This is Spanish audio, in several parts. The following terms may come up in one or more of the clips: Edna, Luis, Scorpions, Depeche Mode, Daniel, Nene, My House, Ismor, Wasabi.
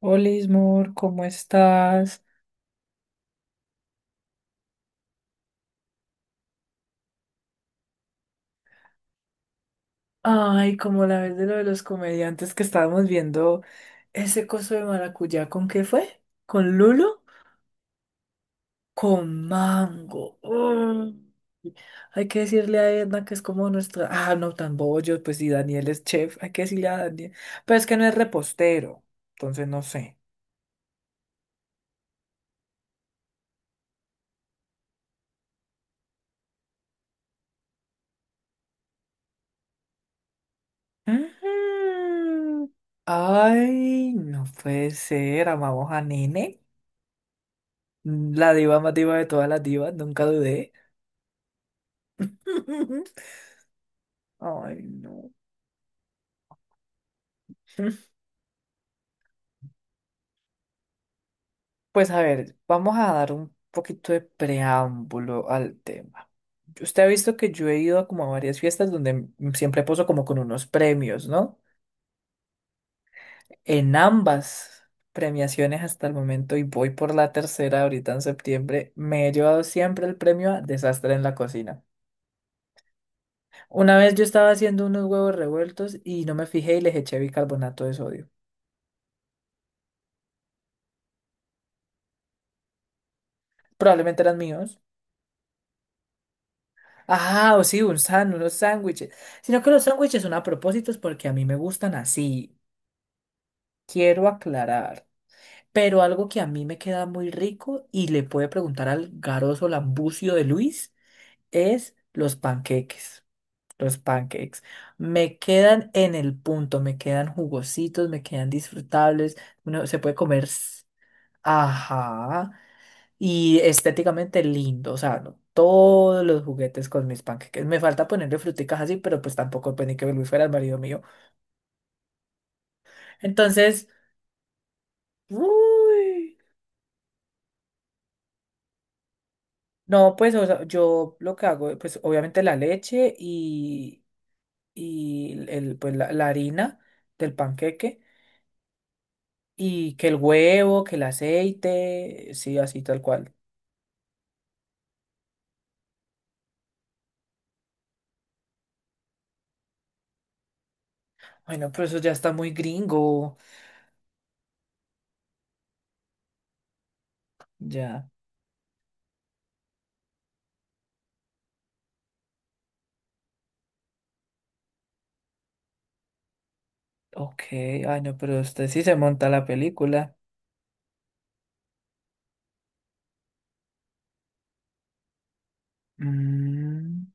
Hola, Ismor, ¿cómo estás? Ay, como la vez de lo de los comediantes que estábamos viendo ese coso de maracuyá, ¿con qué fue? ¿Con Lulo? Con mango. Uy, hay que decirle a Edna que es como nuestra. Ah, no, tan bollo, pues sí, Daniel es chef, hay que decirle a Daniel. Pero es que no es repostero, entonces no sé. Ujú. Ay, no puede ser, amamos a Nene, la diva más diva de todas las divas, nunca dudé. Ay, no. Pues a ver, vamos a dar un poquito de preámbulo al tema. Usted ha visto que yo he ido como a varias fiestas donde siempre poso como con unos premios, ¿no? En ambas premiaciones hasta el momento, y voy por la tercera ahorita en septiembre, me he llevado siempre el premio a desastre en la cocina. Una vez yo estaba haciendo unos huevos revueltos y no me fijé y les eché bicarbonato de sodio. Probablemente eran míos. Ah, o sí, unos sándwiches. Sino que los sándwiches son a propósitos porque a mí me gustan así. Quiero aclarar. Pero algo que a mí me queda muy rico y le puede preguntar al garoso lambucio de Luis es los panqueques. Los pancakes. Me quedan en el punto, me quedan jugositos, me quedan disfrutables. Uno se puede comer. Ajá. Y estéticamente lindo, o sea, no, todos los juguetes con mis panqueques. Me falta ponerle fruticas así, pero pues tampoco pensé que Luis fuera el marido mío. Entonces, uy, no, pues o sea, yo lo que hago, pues obviamente la leche y pues, la harina del panqueque y que el huevo, que el aceite, sí, así tal cual. Bueno, pero eso ya está muy gringo, ya. Ok, ay no, pero usted sí se monta la película. Mm.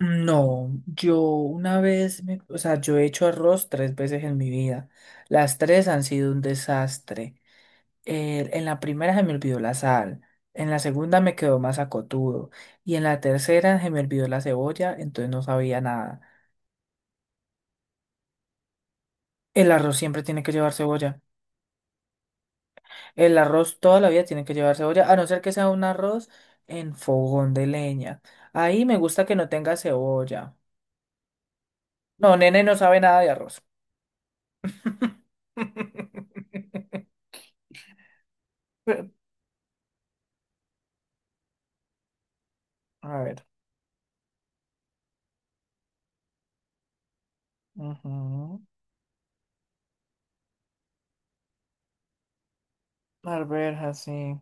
No, yo una vez, o sea, yo he hecho arroz 3 veces en mi vida. Las tres han sido un desastre. En la primera se me olvidó la sal, en la segunda me quedó más acotudo y en la tercera se me olvidó la cebolla, entonces no sabía nada. El arroz siempre tiene que llevar cebolla. El arroz toda la vida tiene que llevar cebolla, a no ser que sea un arroz en fogón de leña. Ahí me gusta que no tenga cebolla. No, nene no sabe nada de arroz. Pe- A ver. Ujú. A ver, así.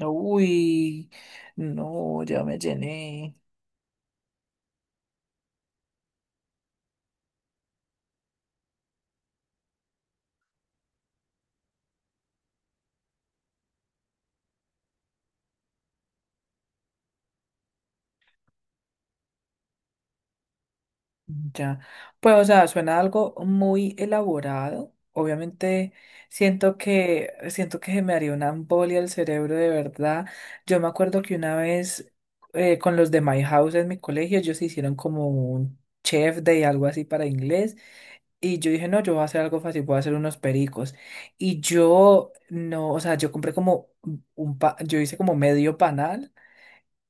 Uy, no, ya me llené. Ya. Pues, o sea, suena algo muy elaborado. Obviamente, siento que se me haría una embolia el cerebro de verdad. Yo me acuerdo que una vez con los de My House en mi colegio, ellos hicieron como un chef day, algo así para inglés. Y yo dije, no, yo voy a hacer algo fácil, voy a hacer unos pericos. Y yo, no, o sea, yo compré como yo hice como medio panal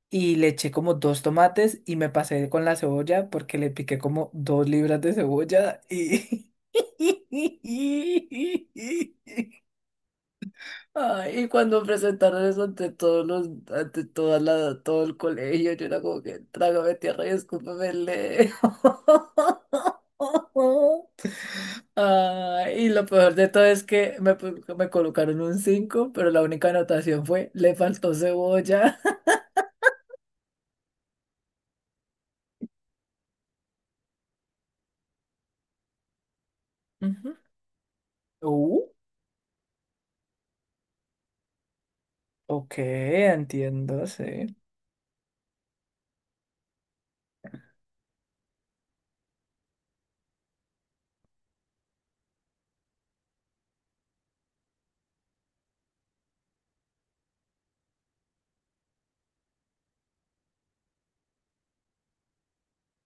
y le eché como dos tomates y me pasé con la cebolla porque le piqué como 2 libras de cebolla y... Ay, y cuando presentaron eso ante todos los, ante toda la, todo el colegio, yo era como que "trágame tierra y escúpeme el dedo". Ah, y lo peor de todo es que me, me colocaron un 5 pero la única anotación fue, le faltó cebolla. Ujú. Uh, ok, entiendo, sí.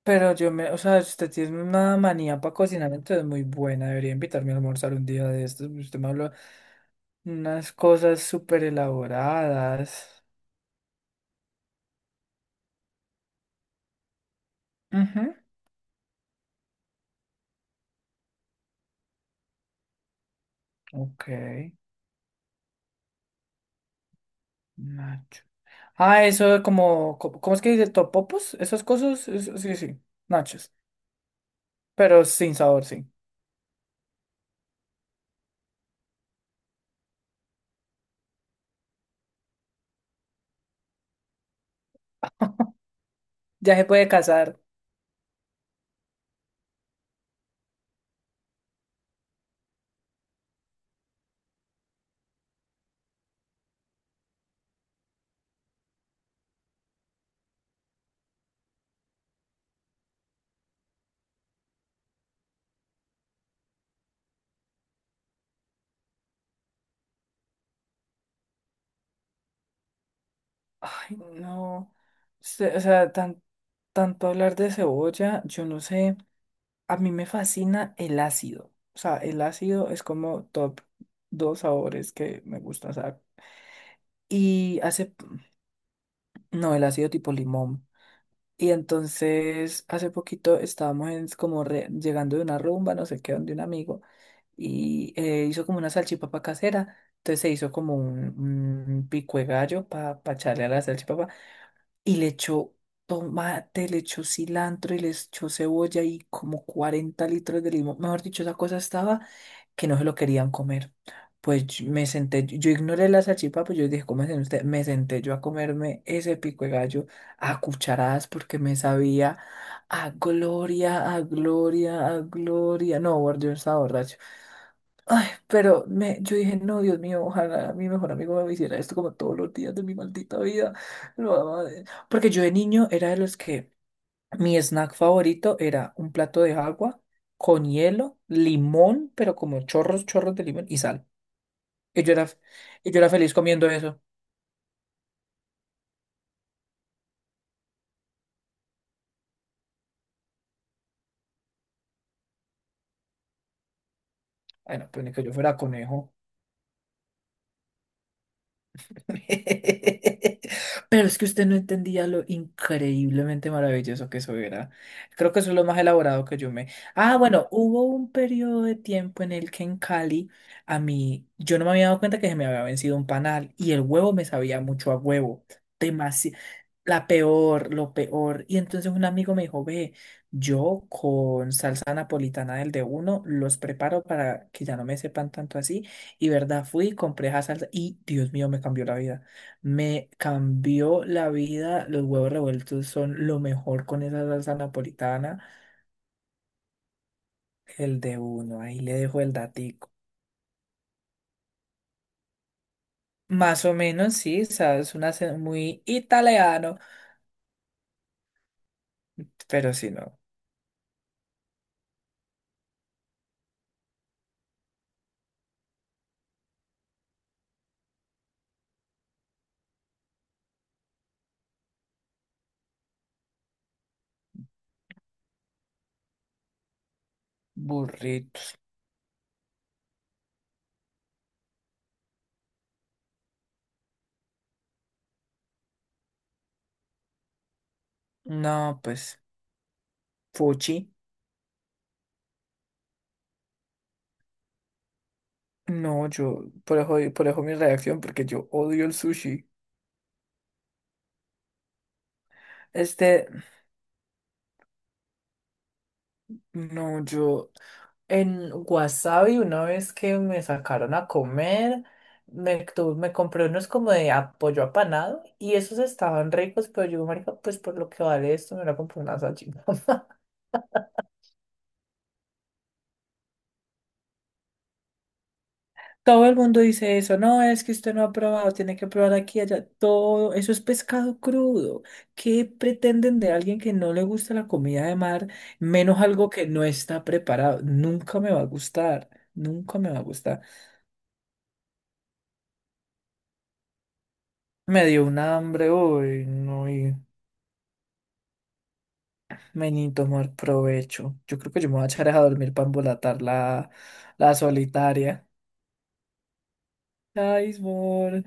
Pero o sea, usted tiene una manía para cocinar, entonces muy buena. Debería invitarme a almorzar un día de estos. Usted me habló unas cosas súper elaboradas. Ujú. Ok, Nacho. Ah, eso es como, ¿cómo es que dice? ¿Topopos? Esas cosas, sí, sí, nachos, pero sin sabor, sí. Ya se puede cazar. Ay, no. O sea, tan, tanto hablar de cebolla, yo no sé. A mí me fascina el ácido. O sea, el ácido es como top dos sabores que me gustan, o sea, y hace, no, el ácido tipo limón. Y entonces hace poquito estábamos como llegando de una rumba, no sé qué, donde un amigo, y hizo como una salchipapa casera. Entonces se hizo como un pico de gallo para echarle a la salchipapa. Y le echó tomate, le echó cilantro y le echó cebolla y como 40 litros de limón. Mejor dicho, esa cosa estaba que no se lo querían comer. Pues yo me senté, yo ignoré la salchipapa, pues yo dije, ¿cómo hacen ustedes? Me senté yo a comerme ese pico de gallo a cucharadas porque me sabía a gloria, a gloria, a gloria. No, yo no estaba borracho. Ay, pero yo dije, no, Dios mío, ojalá mi mejor amigo me hiciera esto como todos los días de mi maldita vida. No, madre. Porque yo de niño era de los que mi snack favorito era un plato de agua con hielo, limón, pero como chorros, chorros de limón y sal. Y yo era, y yo era feliz comiendo eso. Bueno, pues ni que yo fuera conejo. Pero es que usted no entendía lo increíblemente maravilloso que eso era. Creo que eso es lo más elaborado que yo me... Ah, bueno, hubo un periodo de tiempo en el que en Cali a mí, yo no me había dado cuenta que se me había vencido un panal y el huevo me sabía mucho a huevo. Demasiado. La peor, lo peor. Y entonces un amigo me dijo, ve, yo con salsa napolitana del de uno los preparo para que ya no me sepan tanto así. Y verdad, fui, compré esa salsa y Dios mío, me cambió la vida. Me cambió la vida. Los huevos revueltos son lo mejor con esa salsa napolitana. El de uno, ahí le dejo el datico. Más o menos, sí, sabes, un acento muy italiano, pero si no, burritos. No, pues, fuchi. No, yo, por eso mi reacción, porque yo odio el sushi. Este, no, yo en Wasabi, una vez que me sacaron a comer, me compré unos como de apoyo apanado y esos estaban ricos, pero yo, marica, pues por lo que vale esto, me la compré una salchipapa. Todo el mundo dice eso, no, es que usted no ha probado, tiene que probar aquí, allá, todo, eso es pescado crudo. ¿Qué pretenden de alguien que no le gusta la comida de mar, menos algo que no está preparado? Nunca me va a gustar, nunca me va a gustar. Me dio una hambre hoy, no. Meni, tomar provecho. Yo creo que yo me voy a echar a dormir para embolatar la, solitaria. Ay, amor.